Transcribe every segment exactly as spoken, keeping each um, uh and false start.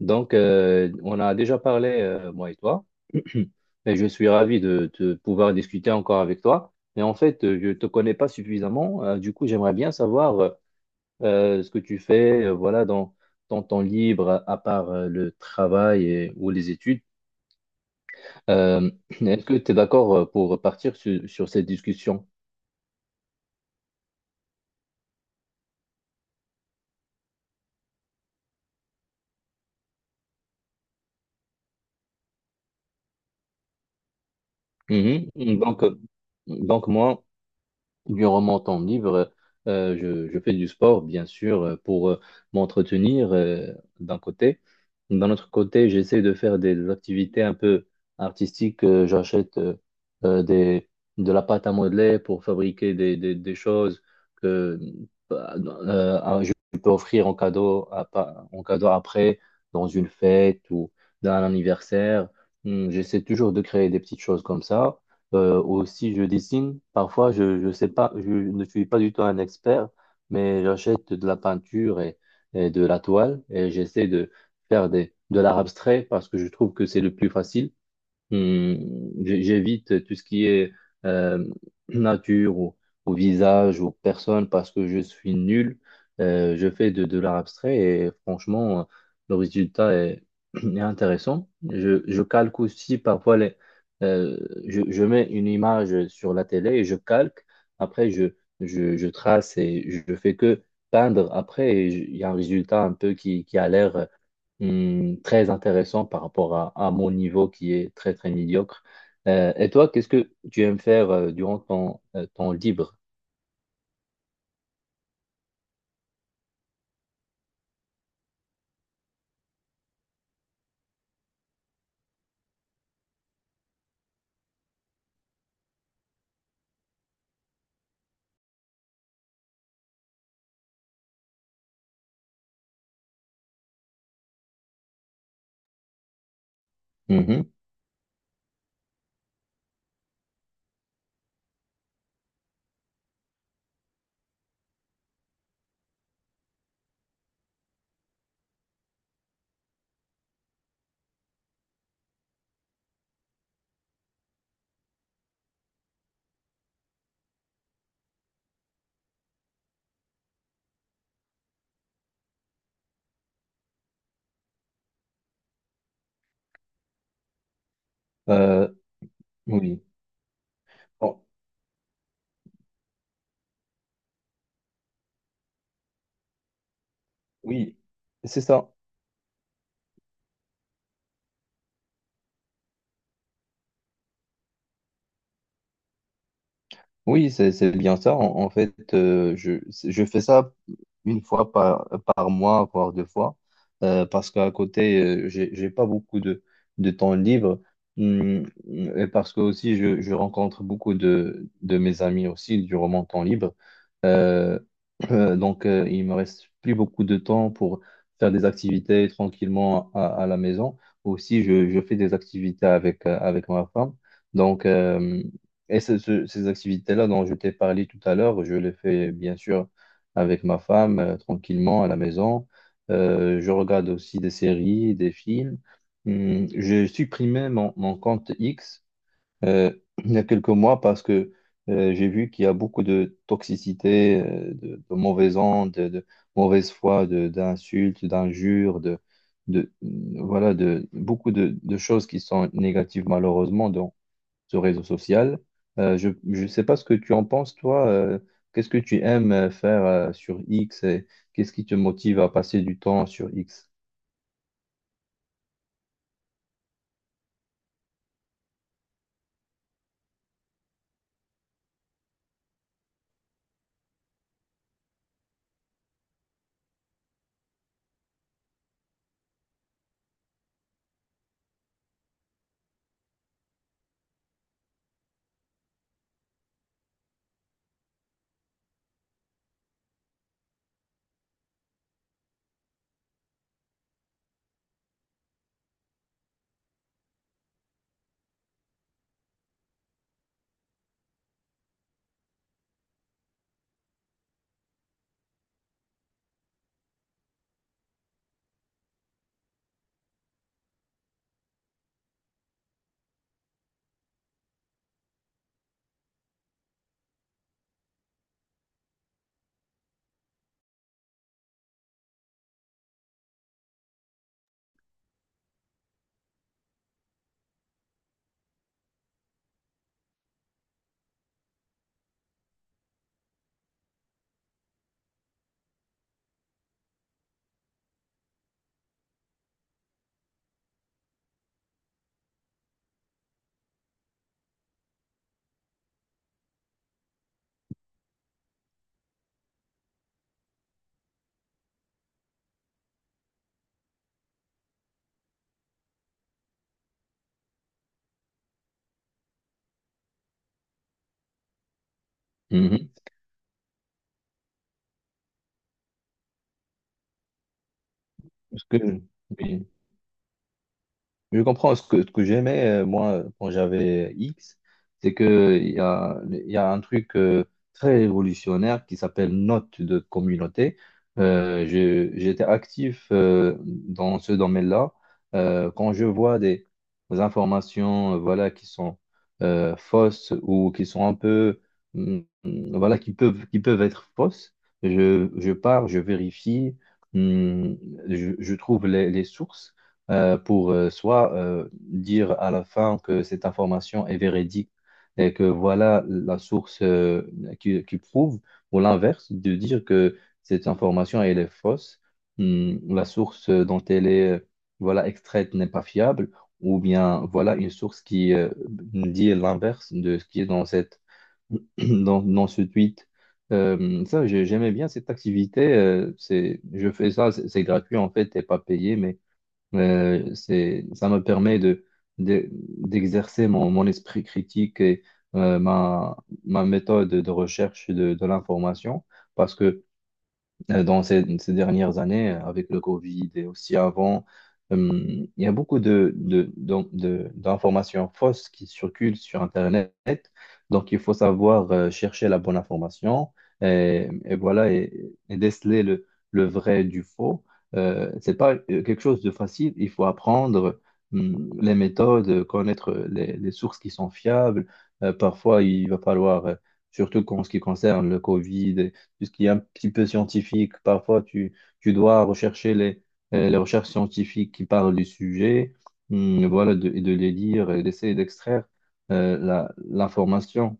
Donc, euh, on a déjà parlé, euh, moi et toi, et je suis ravi de, de pouvoir discuter encore avec toi. Mais en fait, euh, je ne te connais pas suffisamment. Euh, du coup, j'aimerais bien savoir euh, euh, ce que tu fais, euh, voilà, dans ton temps libre, à à part euh, le travail et- ou les études. Euh, est-ce que tu es d'accord euh, pour partir sur, sur cette discussion? Mhm. Donc, euh, donc moi. Durant mon temps libre, euh, je, je fais du sport, bien sûr, euh, pour euh, m'entretenir euh, d'un côté. D'un autre côté, j'essaie de faire des, activités un peu artistiques. Euh, j'achète euh, euh, des, de la pâte à modeler pour fabriquer des, des, des choses que bah, euh, ah, je peux offrir en cadeau, à pa- en cadeau après, dans une fête ou dans un anniversaire. Hmm. J'essaie toujours de créer des petites choses comme ça. Euh, aussi, je dessine. Parfois, je, je sais pas, je ne suis pas du tout un expert, mais j'achète de la peinture et, et de la toile et j'essaie de faire des, de l'art abstrait parce que je trouve que c'est le plus facile. Hmm. J- j'évite tout ce qui est euh, nature ou, ou visage ou personne parce que je suis nul. Euh, je fais de, de l'art abstrait et franchement, euh, le résultat est, est intéressant. Je, je calque aussi parfois les, euh, je, je mets une image sur la télé et je calque. Après, je, je, je trace et je fais que peindre. Après, et j- il y a un résultat un peu qui, qui a l'air hum, très intéressant par rapport à, à mon niveau qui est très, très médiocre. Euh, et toi, qu'est-ce que tu aimes faire euh, durant ton, euh, ton libre? Mhm. Euh, oui. Bon, oui, c'est ça. Oui, c'est c'est bien ça. En, en fait, euh, je, je fais ça une fois par, par mois, voire deux fois, euh, parce qu'à côté, euh, j'ai j'ai pas beaucoup de, de temps libre. Hum. Et parce que aussi, je, je rencontre beaucoup de, de mes amis aussi durant mon temps libre. Euh, euh, donc, euh, il me reste plus beaucoup de temps pour faire des activités tranquillement à, à la maison. Aussi, je, je fais des activités avec, euh, avec ma femme. Donc, euh, et ce- ce- ces activités-là dont je t'ai parlé tout à l'heure, je les fais bien sûr avec ma femme, euh, tranquillement à la maison. Euh, je regarde aussi des séries, des films. Hum. J'ai supprimé mon, mon compte X euh, il y a quelques mois parce que euh, j'ai vu qu'il y a beaucoup de toxicité, euh, de, de mauvais ondes, de, de mauvaise foi, de- d'insultes, d'injures, de, de, voilà, de beaucoup de, de choses qui sont négatives malheureusement ce réseau social. Euh, je ne sais pas ce que tu en penses, toi. Euh, qu'est-ce que tu aimes euh, faire euh, sur X et qu'est-ce qui te motive à passer du temps sur X? Mhm. Parce que, oui. Je comprends ce que, ce que j'aimais, euh, moi, quand j'avais X, c'est que il y a, il y a un truc euh, très révolutionnaire qui s'appelle note de communauté. Euh, je- j'étais actif euh, dans ce domaine-là. Euh, quand je vois des, des informations euh, voilà, qui sont euh, fausses ou qui sont un peu, mm, mm, voilà, qui peuvent, qui peuvent être fausses, je, je pars, je vérifie, mm, je, je trouve les les sources euh, pour euh, soit euh, dire à la fin que cette information est véridique et que voilà la source euh, qui, qui prouve, ou l'inverse, de dire que cette information elle est fausse, hum, la source dont elle est euh, voilà extraite n'est pas fiable, ou bien voilà une source qui euh, dit l'inverse de ce qui est dans cette dans, dans ce tweet. Euh, ça, j'ai- j'aimais bien cette activité. Euh, c'est, je fais ça, c'est c'est gratuit en fait, t'es pas payé, mais euh, c'est, ça me permet de, de- d'exercer mon, mon esprit critique et euh, ma, ma méthode de recherche de, de l'information parce que euh, dans ces, ces dernières années, euh, avec le Covid et aussi avant, euh, il y a beaucoup de, de- d'en- de- d'informations fausses qui circulent sur Internet. Donc, il faut savoir euh, chercher la bonne information et, et voilà, et, et déceler le, le vrai du faux. Euh, c'est pas euh, quelque chose de facile. Il faut apprendre hum, les méthodes, connaître les, les sources qui sont fiables. Euh, parfois, il va falloir, euh, surtout en ce qui concerne le Covid puisqu'il ce qui est un petit peu scientifique. Parfois, tu, tu dois rechercher les, euh, les recherches scientifiques qui parlent du sujet. Hum. Voilà, de- et de les lire et d'essayer d'extraire euh, la, l'information.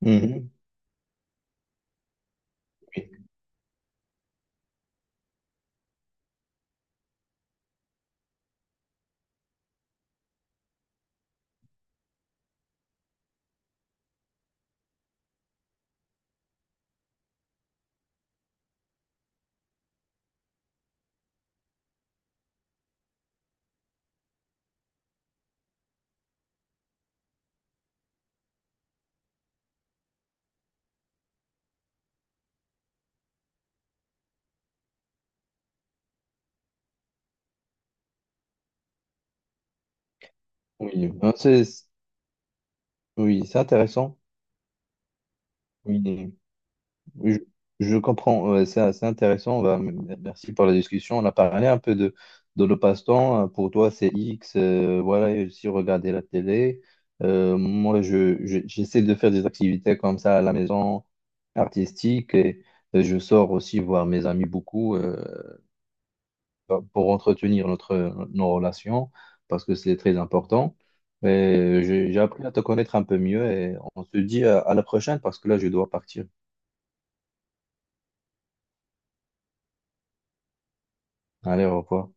Mhm. Oui, oui. Ah, c'est- oui, c'est intéressant. Oui. Je, je comprends, ouais, c'est assez intéressant. Bah, m- merci pour la discussion. On a parlé un peu de, de le passe-temps. Euh, Pour toi, c'est X, euh, voilà, et aussi regarder la télé. Euh, moi, je, je- j'essaie de faire des activités comme ça à la maison, artistiques, et, et je sors aussi voir mes amis beaucoup euh, pour entretenir notre, nos relations, parce que c'est très important. Et j'ai j'ai appris à te connaître un peu mieux et on se dit à à la prochaine parce que là, je dois partir. Allez, au revoir.